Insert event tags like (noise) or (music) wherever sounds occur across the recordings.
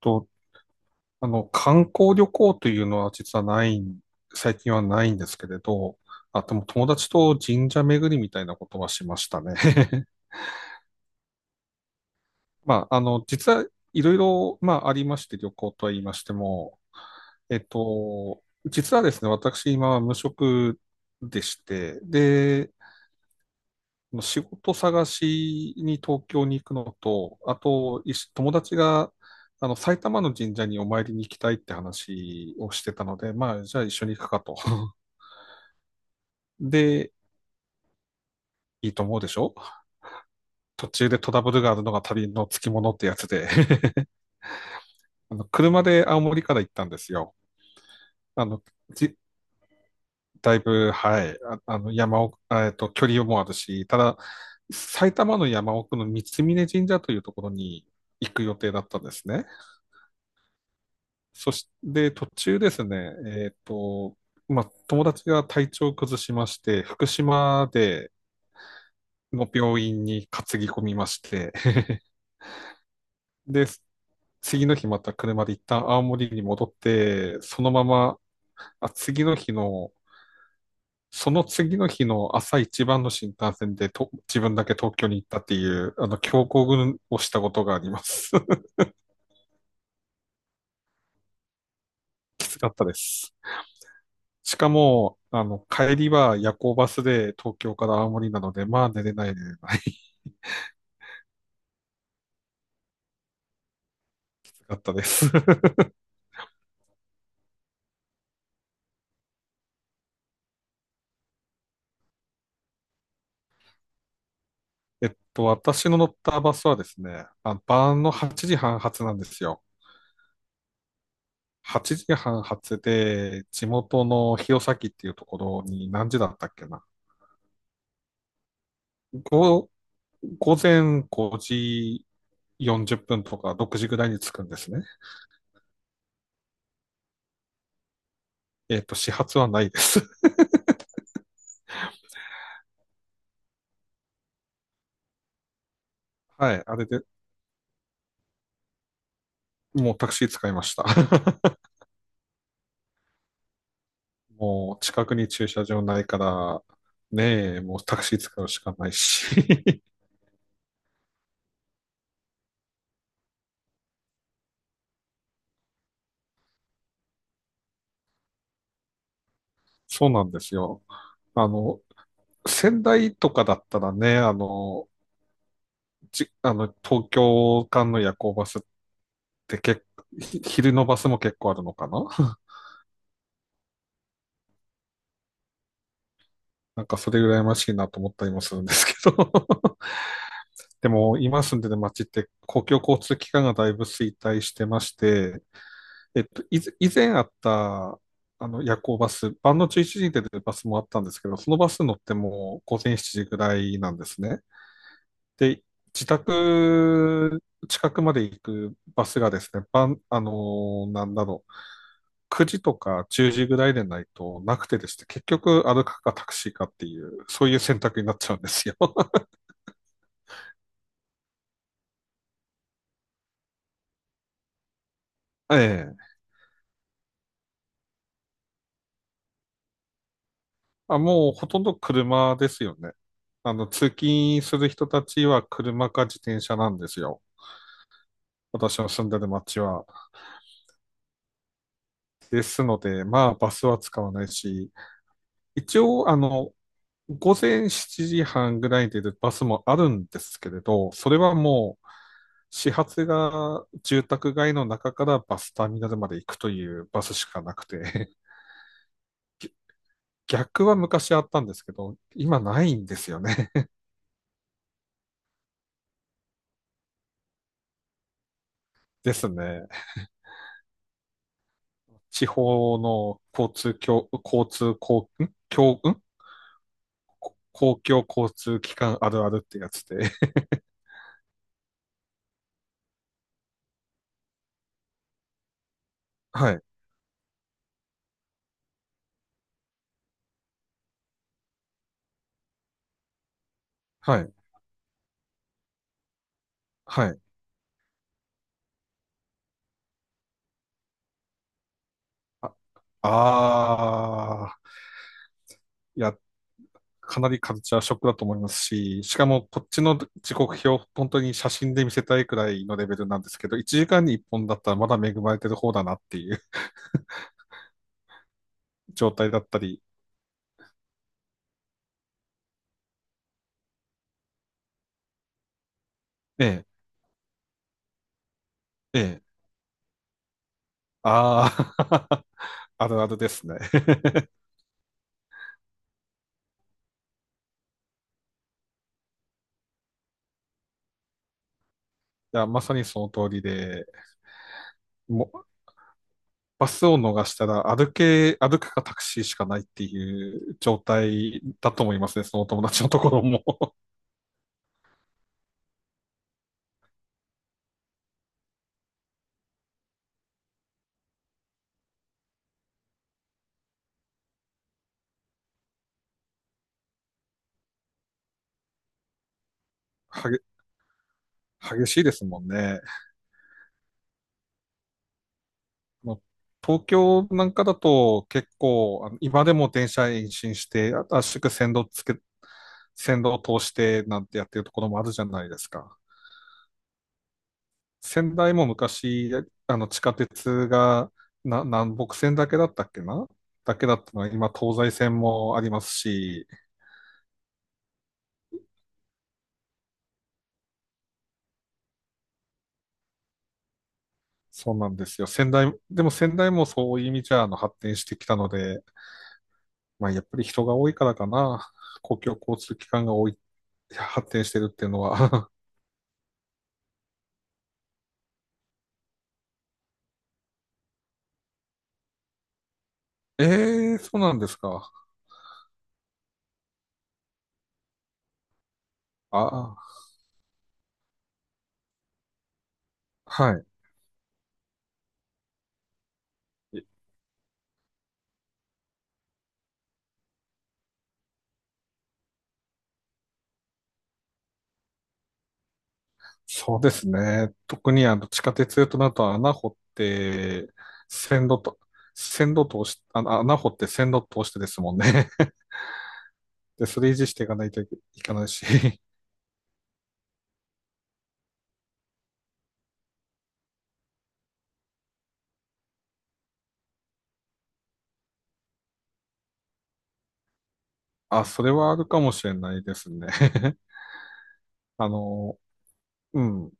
と、観光旅行というのは実はないん、最近はないんですけれど、あ、でも友達と神社巡りみたいなことはしましたね。(laughs) まあ、実はいろいろ、まあ、ありまして、旅行とは言いましても、実はですね、私今は無職でして、で、仕事探しに東京に行くのと、あと、友達が、埼玉の神社にお参りに行きたいって話をしてたので、まあ、じゃあ一緒に行くかと。(laughs) で、いいと思うでしょ？途中でトラブルがあるのが旅のつきものってやつで、(laughs) 車で青森から行ったんですよ。あの、じ、だいぶ、はい、あ、山奥、距離もあるし、ただ、埼玉の山奥の三峯神社というところに行く予定だったんですね。そして、途中ですね、えっと、まあ、友達が体調を崩しまして、福島での病院に担ぎ込みまして、(laughs) で、次の日また車で一旦青森に戻って、そのまま、あ、次の日の、その次の日の朝一番の新幹線でと、自分だけ東京に行ったっていう、強行軍をしたことがあります。(laughs) きつかったです。しかも、帰りは夜行バスで東京から青森なので、まあ寝れない寝れない。かったです。(laughs) 私の乗ったバスはですね、あ、晩の8時半発なんですよ。8時半発で、地元の弘前っていうところに何時だったっけな。ご午前5時40分とか6時ぐらいに着くんですね。始発はないです。(laughs) はい、あれで、もうタクシー使いました。(laughs) もう近くに駐車場ないから、ねえ、もうタクシー使うしかないし。(laughs) そうなんですよ。あの、仙台とかだったらね、あの、じ、あの、東京間の夜行バスって結構、昼のバスも結構あるのかな。 (laughs) なんかそれ羨ましいなと思ったりもするんですけど。 (laughs) でも、今住んでる街って公共交通機関がだいぶ衰退してまして、えっと、いず以前あった、夜行バス、晩の11時に出てるバスもあったんですけど、そのバス乗っても午前7時ぐらいなんですね。で、自宅近くまで行くバスがですね、晩、なんだろう、9時とか10時ぐらいでないとなくてですね、結局歩くかタクシーかっていう、そういう選択になっちゃうんですよ。(laughs) ええ、あ、もうほとんど車ですよね。通勤する人たちは車か自転車なんですよ。私の住んでる街は。ですので、まあ、バスは使わないし、一応、午前7時半ぐらいで出るバスもあるんですけれど、それはもう始発が住宅街の中からバスターミナルまで行くというバスしかなくて、(laughs) ぎ逆は昔あったんですけど、今ないんですよね。(laughs) ですね。地方の交通共、交通公、ん共、ん公共交通機関あるあるってやつで。(laughs) はい、はい、はい。あ、あー、や、かなりカルチャーショックだと思いますし、しかもこっちの時刻表、本当に写真で見せたいくらいのレベルなんですけど、1時間に1本だったらまだ恵まれてる方だなっていう (laughs) 状態だったり、ええ、ええ、ああ。(laughs) あるあるですね。(laughs) いや、まさにその通りで、もうバスを逃したら歩くかタクシーしかないっていう状態だと思いますね、そのお友達のところも。(laughs) はげ、激しいですもんね。まあの東京なんかだと結構、今でも電車延伸して、あ圧縮線路つけ、線路を通してなんてやってるところもあるじゃないですか。仙台も昔、地下鉄が南北線だけだったっけな、だけだったのは今東西線もありますし、そうなんですよ。でも仙台もそういう意味じゃ、発展してきたので、まあ、やっぱり人が多いからかな。公共交通機関が多い、発展してるっていうのは。(laughs) ええ、そうなんですか。ああ、はい。そうですね。特に地下鉄となると穴掘って、線路と、線路通し、穴掘って線路通してですもんね。(laughs) で、それ維持していかないといけないし。あ、それはあるかもしれないですね。(laughs) あの、うん。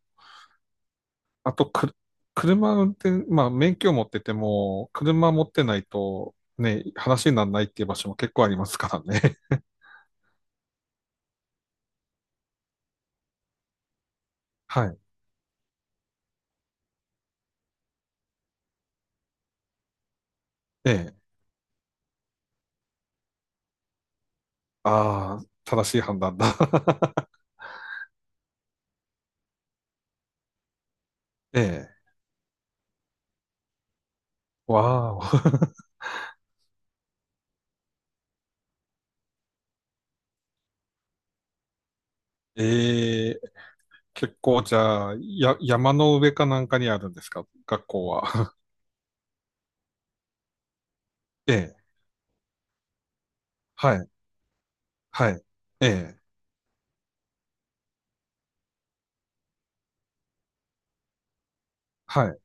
あとく、車運転、まあ、免許を持ってても、車持ってないと、ね、話にならないっていう場所も結構ありますからね。(laughs) はい。ええ。ああ、正しい判断だ。(laughs) ええ。わあ。(laughs) ええ、結構、じゃあ、山の上かなんかにあるんですか、学校は？(laughs) ええ。はい。はい。ええ。はい。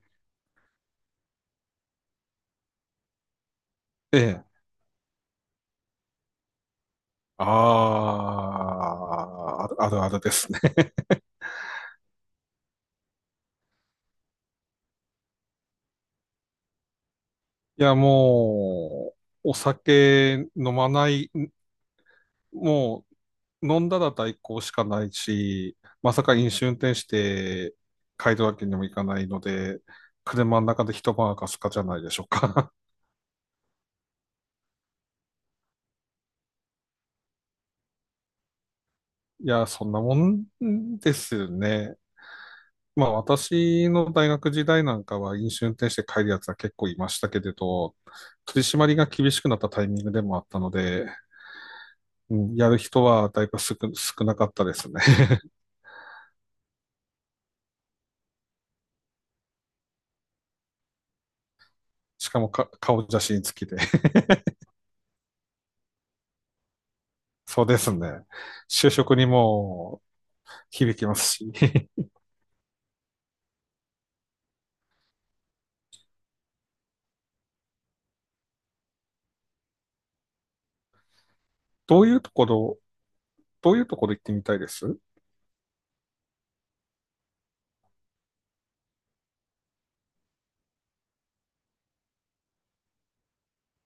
ええ。ああ、あるあるあるですね。(laughs) いや、もう、お酒飲まない、もう飲んだら代行しかないし、まさか飲酒運転して帰るわけにもいかないので、車の中で一晩明かすかじゃないでしょうか。(laughs) いや、そんなもんですよね。まあ私の大学時代なんかは飲酒運転して帰るやつは結構いましたけれど、取り締まりが厳しくなったタイミングでもあったので、うん、やる人はだいぶ少なかったですね。(laughs) しかも顔写真付きで。(laughs) そうですね。就職にも響きますし。(laughs) どういうところ、どういうところ行ってみたいです？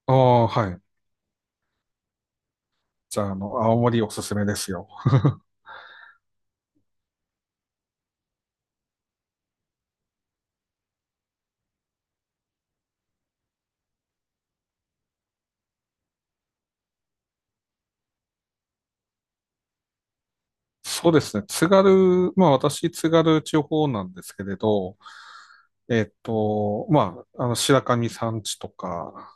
ああ、はい。じゃあ、青森おすすめですよ。(laughs) そうですね。津軽、まあ私、津軽地方なんですけれど、まあ、白神山地とか、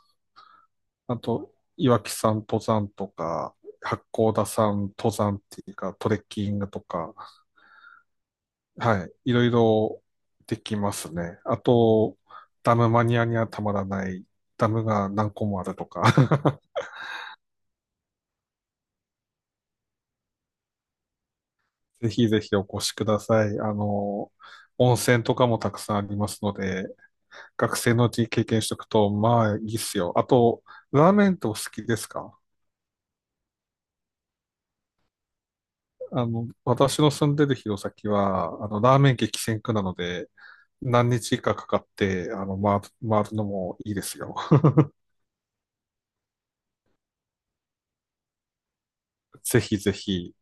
あと、岩木山登山とか、八甲田山登山っていうか、トレッキングとか、はい。いろいろできますね。あと、ダムマニアにはたまらない、ダムが何個もあるとか。 (laughs) ぜひぜひお越しください。温泉とかもたくさんありますので、学生のうちに経験しておくと、まあいいっすよ。あと、ラーメンってお好きですか？私の住んでる弘前は、ラーメン激戦区なので、何日かかかって、回るのもいいですよ。(laughs) ぜひぜひ。